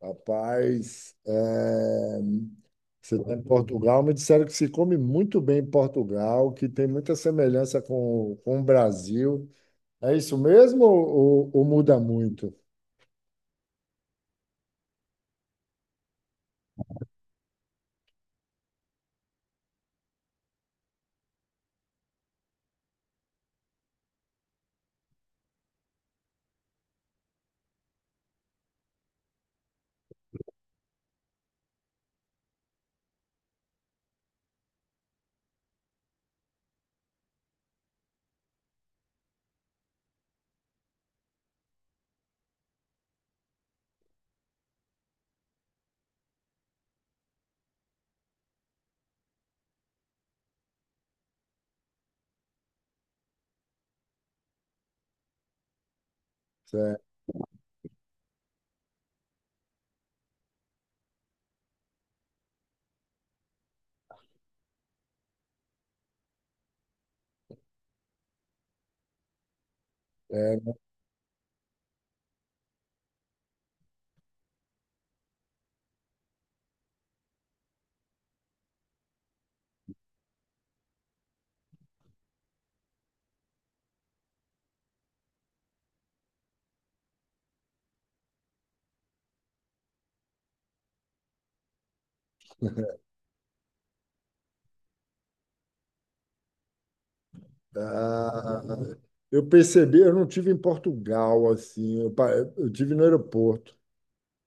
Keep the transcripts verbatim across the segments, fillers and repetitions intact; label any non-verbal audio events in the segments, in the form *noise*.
Rapaz, é, você está em Portugal, me disseram que se come muito bem em Portugal, que tem muita semelhança com, com o Brasil. É isso mesmo ou, ou- ou muda muito? Certo. É, ah, eu percebi, eu não tive em Portugal, assim, eu, pa- eu tive no aeroporto,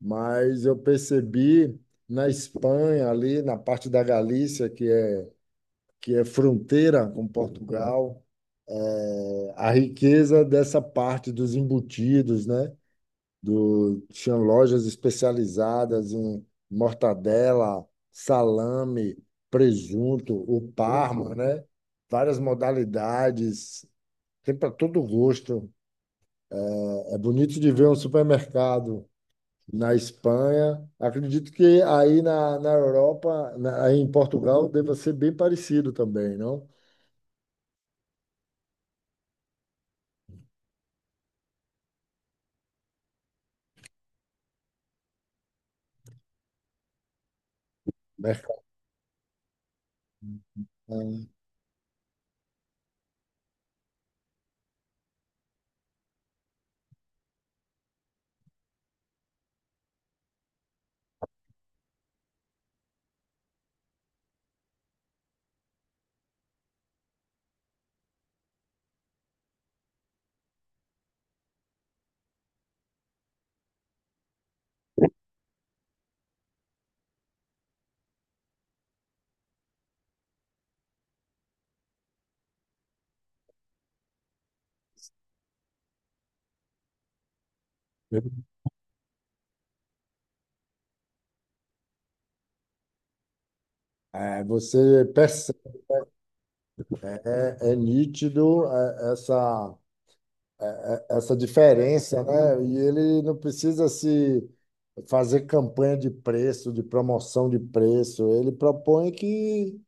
mas eu percebi na Espanha, ali na parte da Galícia, que é, que é fronteira com Portugal, a riqueza dessa parte dos embutidos, né? Do, tinha lojas especializadas em mortadela, salame, presunto, o Parma, né? Várias modalidades, tem para todo gosto. É bonito de ver um supermercado na Espanha. Acredito que aí na, na Europa, na- aí em Portugal, deva ser bem parecido também, não? Mercado- é, você percebe. É, é nítido, é, essa, é, essa diferença, né? E ele não precisa se fazer campanha de preço, de promoção de preço. Ele propõe que,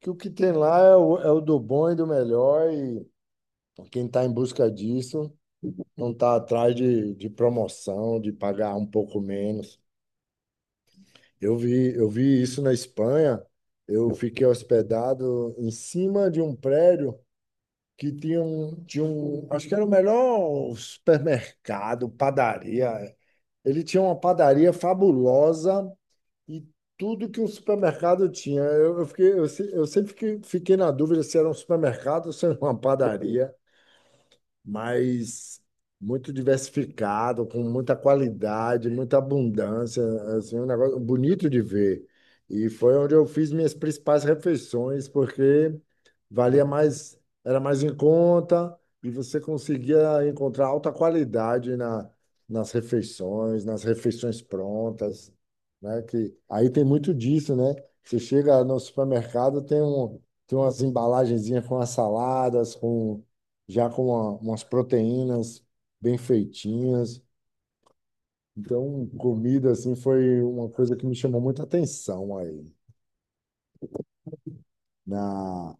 que o que tem lá é o, é o do bom e do melhor, e quem está em busca disso não está atrás de, de promoção, de pagar um pouco menos. Eu vi, eu vi isso na Espanha. Eu fiquei hospedado em cima de um prédio que tinha um, tinha um, acho que era o melhor supermercado, padaria. Ele tinha uma padaria fabulosa e tudo que um supermercado tinha. Eu, eu fiquei, eu, se- eu sempre fiquei, fiquei na dúvida se era um supermercado ou se era uma padaria, mas muito diversificado, com muita qualidade, muita abundância, assim, um negócio bonito de ver. E foi onde eu fiz minhas principais refeições, porque valia mais, era mais em conta e você conseguia encontrar alta qualidade na, nas refeições, nas refeições prontas, né? Que aí tem muito disso, né? Você chega no supermercado, tem um, tem umas embalagenzinhas com as saladas, com já com uma- umas proteínas bem feitinhas. Então, comida assim foi uma coisa que me chamou muita atenção aí. Na...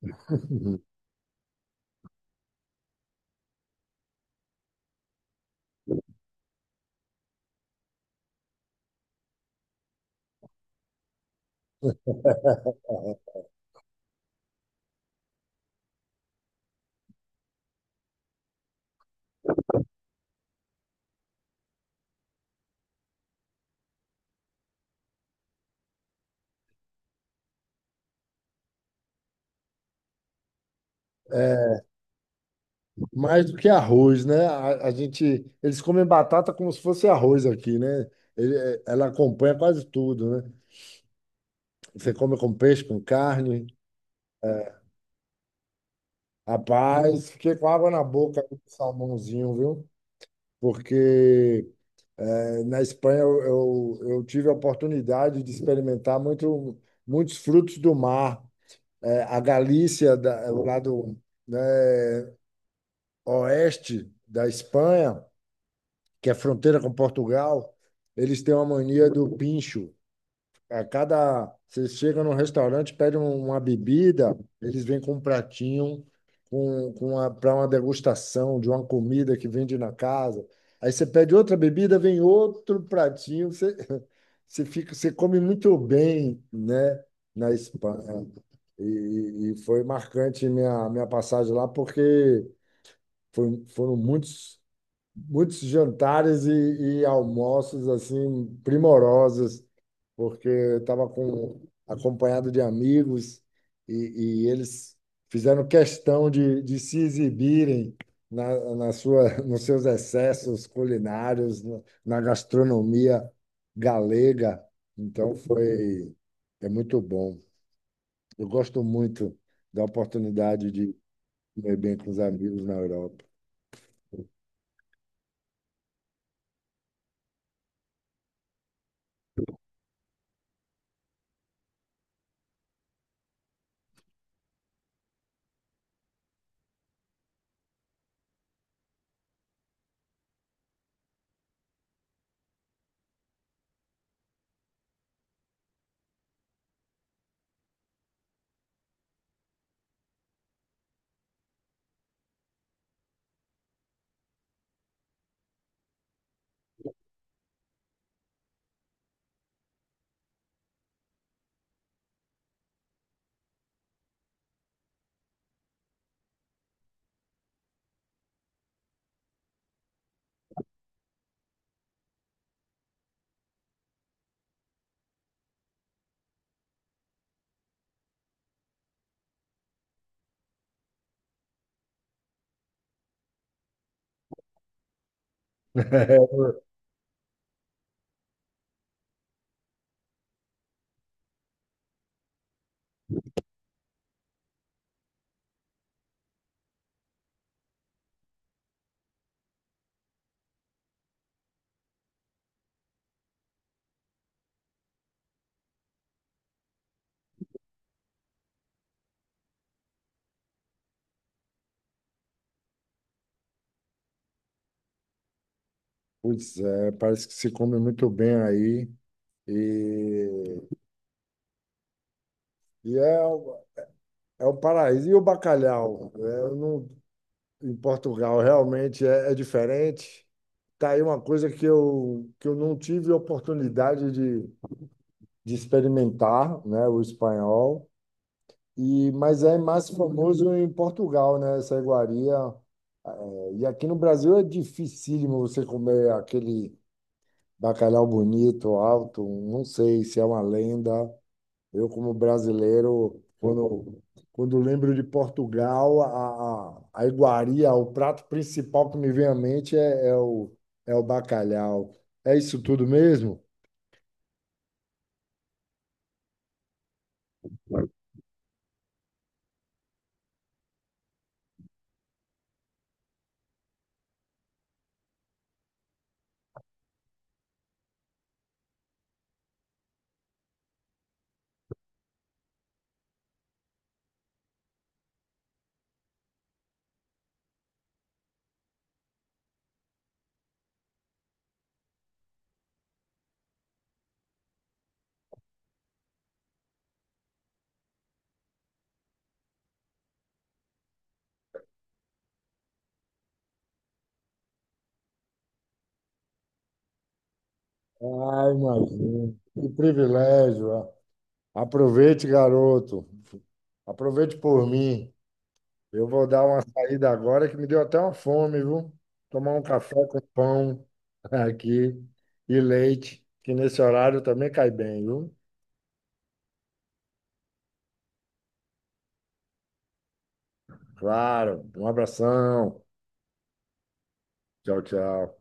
*laughs* Mais do que arroz, né? A, a gente, eles comem batata como se fosse arroz aqui, né? Ele- é, ela acompanha quase tudo, né? Você come com peixe, com carne. É, rapaz, fiquei com água na boca com salmãozinho, viu? Porque eh, na Espanha eu, eu, eu tive a oportunidade de experimentar muito, muitos frutos do mar. Eh, a Galícia, da, é, o lado, né, oeste da Espanha, que é fronteira com Portugal, eles têm uma mania do pincho a cada. Você chega num restaurante, pede um- uma bebida, eles vêm com um pratinho com, com a para uma degustação de uma comida que vende na casa. Aí você pede outra bebida, vem outro pratinho. Você, *laughs* você fica, você come muito bem, né, na Espanha. E, e foi marcante minha, minha passagem lá, porque foi- foram muitos muitos jantares e, e almoços assim primorosos, porque eu estava com acompanhado de amigos e, e eles fizeram questão de, de se exibirem na, na sua, *laughs* nos seus excessos culinários, na na gastronomia galega. Então foi é muito bom. Eu gosto muito da oportunidade de comer bem com os amigos na Europa. *laughs* Pois é, parece que se come muito bem aí. E, e é, o- é o paraíso. E o bacalhau? É, não, em Portugal realmente é, é diferente. Tá aí uma coisa que eu, que eu não tive oportunidade de, de experimentar, né, o espanhol. E, mas é mais famoso em Portugal, né, essa iguaria. É, e aqui no Brasil é dificílimo você comer aquele bacalhau bonito, alto. Não sei se é uma lenda. Eu, como brasileiro, quando, quando lembro de Portugal, a, a, a iguaria, o prato principal que me vem à mente é, é o, é o bacalhau. É isso tudo mesmo? Ah, imagino. Que privilégio. Ah. Aproveite, garoto. Aproveite por mim. Eu vou dar uma saída agora que me deu até uma fome, viu? Tomar um café com pão *laughs* aqui e leite, que nesse horário também cai bem, viu? Claro. Um abração. Tchau, tchau.